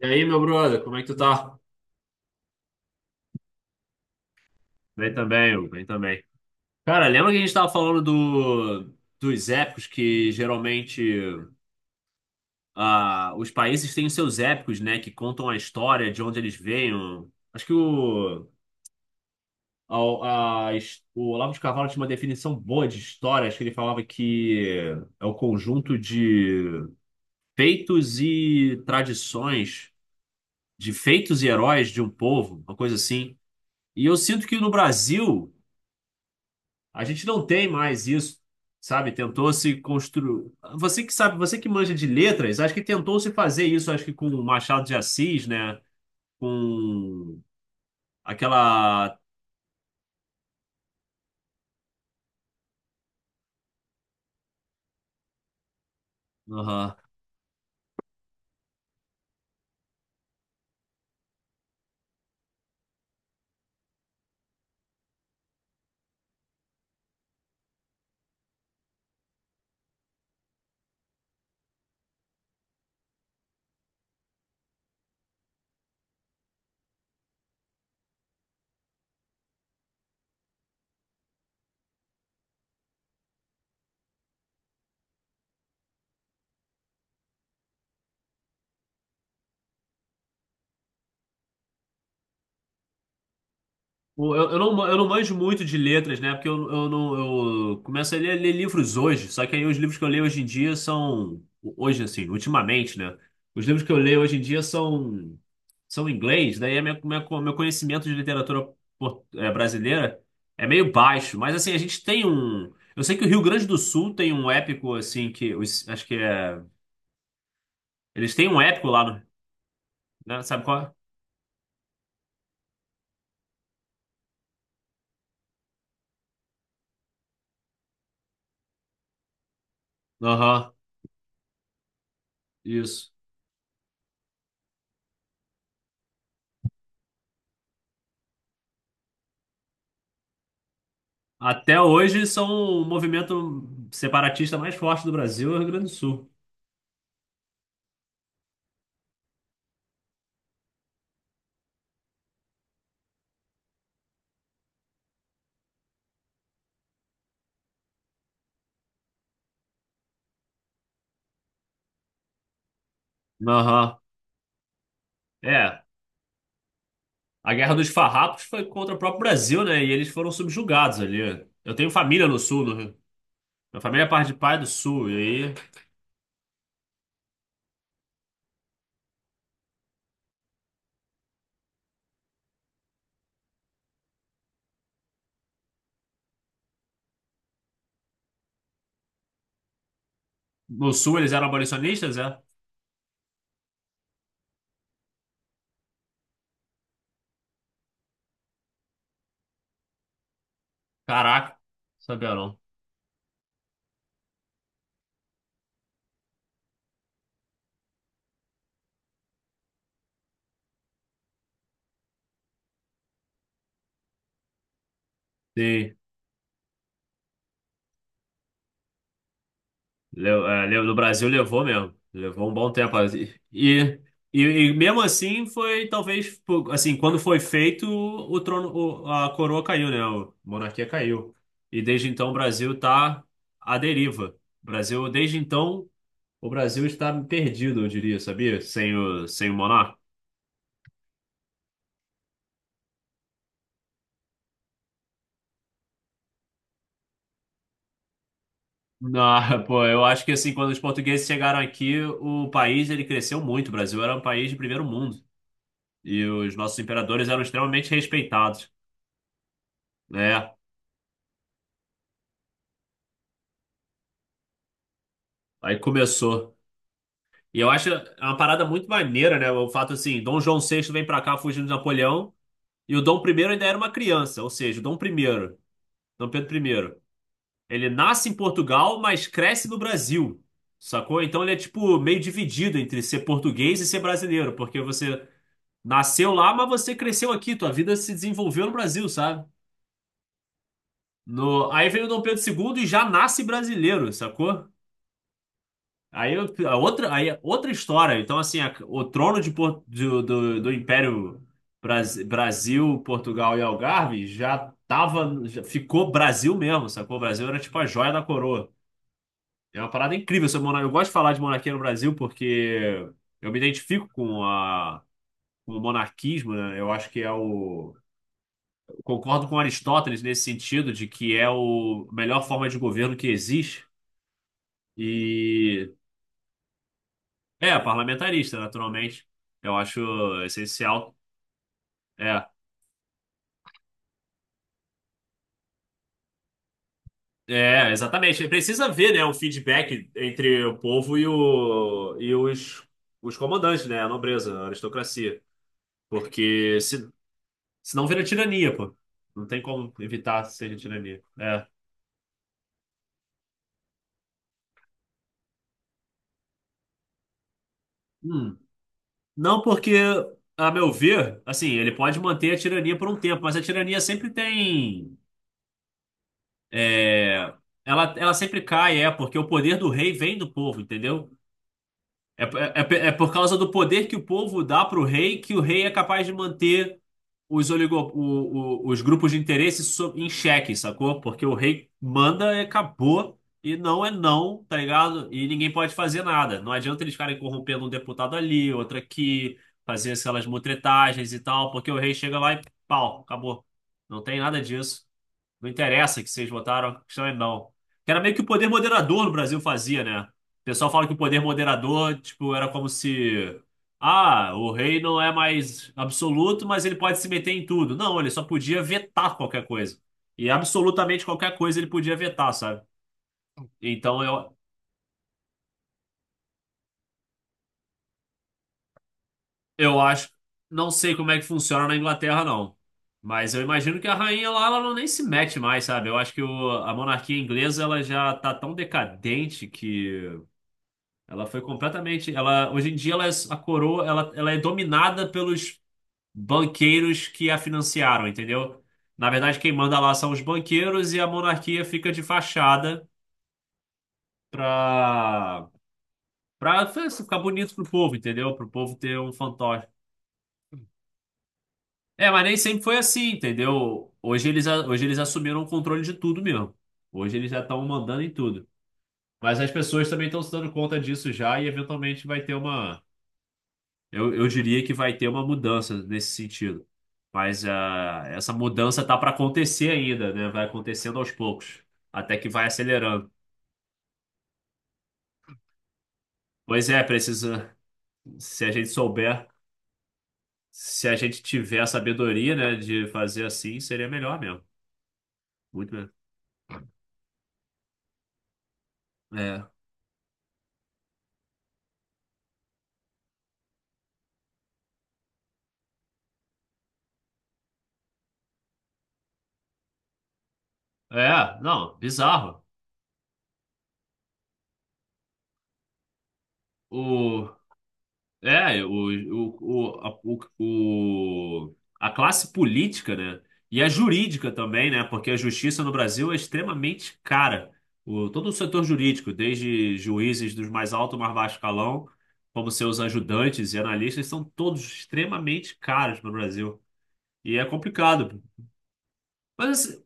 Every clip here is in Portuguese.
E aí, meu brother, como é que tu tá? Bem também, Hugo, bem também. Cara, lembra que a gente tava falando dos épicos que geralmente os países têm os seus épicos, né? Que contam a história, de onde eles veem. Acho que o, a his- o Olavo de Carvalho tinha uma definição boa de história. Acho que ele falava que é o conjunto de feitos e tradições, de feitos e heróis de um povo, uma coisa assim. E eu sinto que no Brasil, a gente não tem mais isso, sabe? Tentou se construir. Você que sabe, você que manja de letras, acho que tentou se fazer isso, acho que com o Machado de Assis, né? Com aquela. Aham. Eu não manjo muito de letras, né? Porque eu não eu começo a ler livros hoje, só que aí os livros que eu leio hoje em dia são. Hoje, assim, ultimamente, né? Os livros que eu leio hoje em dia são em inglês, daí a meu conhecimento de literatura brasileira é meio baixo, mas assim, a gente tem um. Eu sei que o Rio Grande do Sul tem um épico, assim, que, acho que é. Eles têm um épico lá, no, né? Sabe qual é? Aham, isso. Até hoje são o movimento separatista mais forte do Brasil, é o Rio Grande do Sul. Aham. É. A Guerra dos Farrapos foi contra o próprio Brasil, né? E eles foram subjugados ali. Eu tenho família no sul, no Rio. Minha família é parte de pai do sul. E aí, no sul eles eram abolicionistas, é? Caraca, sabia não. Sim. No Brasil levou mesmo. Levou um bom tempo. E, e mesmo assim foi, talvez, pô, assim, quando foi feito, o trono, a coroa caiu, né? A monarquia caiu. E desde então o Brasil está à deriva. O Brasil, desde então, o Brasil está perdido, eu diria, sabia? Sem o monarca. Não, pô, eu acho que assim, quando os portugueses chegaram aqui, o país ele cresceu muito. O Brasil era um país de primeiro mundo. E os nossos imperadores eram extremamente respeitados, né? Aí começou. E eu acho uma parada muito maneira, né? O fato assim, Dom João VI vem pra cá fugindo de Napoleão e o Dom I ainda era uma criança, ou seja, o Dom I, Dom Pedro I, ele nasce em Portugal, mas cresce no Brasil, sacou? Então ele é tipo meio dividido entre ser português e ser brasileiro, porque você nasceu lá, mas você cresceu aqui, tua vida se desenvolveu no Brasil, sabe? No... Aí vem o Dom Pedro II e já nasce brasileiro, sacou? Aí é outra história. Então, assim, o trono de, Por- do, do, do Império Brasil, Portugal e Algarve já tava, já ficou Brasil mesmo, sacou? O Brasil era tipo a joia da coroa. É uma parada incrível. Eu gosto de falar de monarquia no Brasil porque eu me identifico com com o monarquismo, né? Eu acho que é o. Eu concordo com Aristóteles nesse sentido de que é o a melhor forma de governo que existe. E É, parlamentarista, naturalmente. Eu acho essencial. É, é, exatamente. Precisa ver, né, um feedback entre o povo e os comandantes, né, a nobreza, a aristocracia. Porque se, senão vira tirania, pô. Não tem como evitar ser tirania. É. Hum. Não porque, a meu ver, assim, ele pode manter a tirania por um tempo, mas a tirania sempre tem... é, ela sempre cai, é, porque o poder do rei vem do povo, entendeu? É, por causa do poder que o povo dá para o rei que o rei é capaz de manter os, oligo, o- os grupos de interesse em xeque, sacou? Porque o rei manda e acabou, e não é não, tá ligado? E ninguém pode fazer nada. Não adianta eles ficarem corrompendo um deputado ali, outro aqui, fazer aquelas mutretagens e tal, porque o rei chega lá e pau, acabou. Não tem nada disso. Não interessa que vocês votaram, a questão é não. Que era meio que o poder moderador no Brasil fazia, né? O pessoal fala que o poder moderador, tipo, era como se. Ah, o rei não é mais absoluto, mas ele pode se meter em tudo. Não, ele só podia vetar qualquer coisa. E absolutamente qualquer coisa ele podia vetar, sabe? Então eu acho. Não sei como é que funciona na Inglaterra, não. Mas eu imagino que a rainha lá, ela não nem se mete mais, sabe? Eu acho que a monarquia inglesa, ela já tá tão decadente que. Ela foi completamente. Ela, hoje em dia, ela é, a coroa, ela é dominada pelos banqueiros que a financiaram, entendeu? Na verdade, quem manda lá são os banqueiros e a monarquia fica de fachada pra, pra ficar bonito pro povo, entendeu? Pro povo ter um fantoche. É, mas nem sempre foi assim, entendeu? Hoje eles assumiram o controle de tudo mesmo. Hoje eles já estão mandando em tudo. Mas as pessoas também estão se dando conta disso já e eventualmente vai ter uma. Eu diria que vai ter uma mudança nesse sentido. Mas essa mudança tá para acontecer ainda, né? Vai acontecendo aos poucos, até que vai acelerando. Pois é, precisa, se a gente souber, se a gente tiver a sabedoria, né, de fazer assim, seria melhor mesmo. Muito melhor. É. É, não, bizarro. O É, o, a classe política, né? E a jurídica também, né? Porque a justiça no Brasil é extremamente cara. Todo o setor jurídico, desde juízes dos mais alto ao mais baixo escalão, como seus ajudantes e analistas, são todos extremamente caros no Brasil. E é complicado. Mas assim,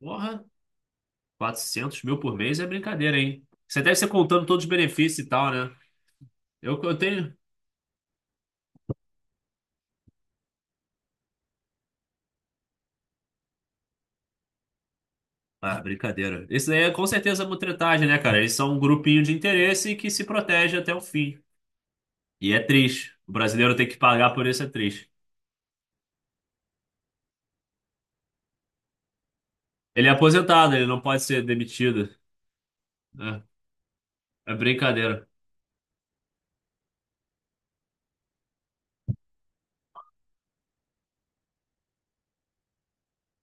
porra, 400 mil por mês é brincadeira, hein? Você deve ser contando todos os benefícios e tal, né? Eu tenho. Ah, brincadeira. Isso daí é com certeza mutretagem, né, cara? Eles são um grupinho de interesse que se protege até o fim. E é triste. O brasileiro tem que pagar por isso, é triste. Ele é aposentado, ele não pode ser demitido, né? É, brincadeira.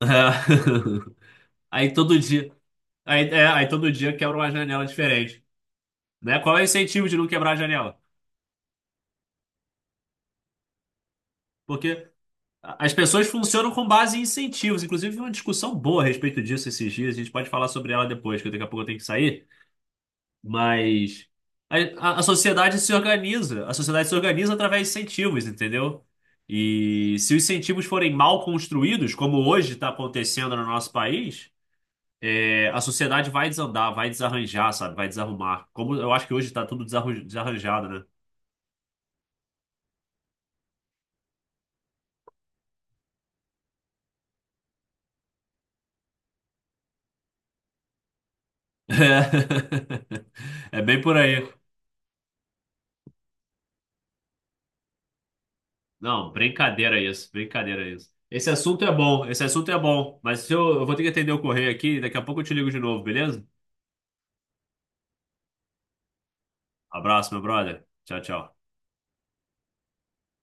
É. Aí todo dia. Aí todo dia quebra uma janela diferente. Né? Qual é o incentivo de não quebrar a janela? Porque as pessoas funcionam com base em incentivos. Inclusive, uma discussão boa a respeito disso esses dias. A gente pode falar sobre ela depois, que daqui a pouco eu tenho que sair. Mas a, a sociedade se organiza. A sociedade se organiza através de incentivos, entendeu? E se os incentivos forem mal construídos, como hoje está acontecendo no nosso país, é, a sociedade vai desandar, vai desarranjar, sabe? Vai desarrumar. Como eu acho que hoje está tudo desarranjado, né? É, bem por aí. Não, brincadeira isso, brincadeira isso. Esse assunto é bom, esse assunto é bom, mas eu vou ter que atender o correio aqui, daqui a pouco eu te ligo de novo, beleza? Abraço, meu brother. Tchau, tchau.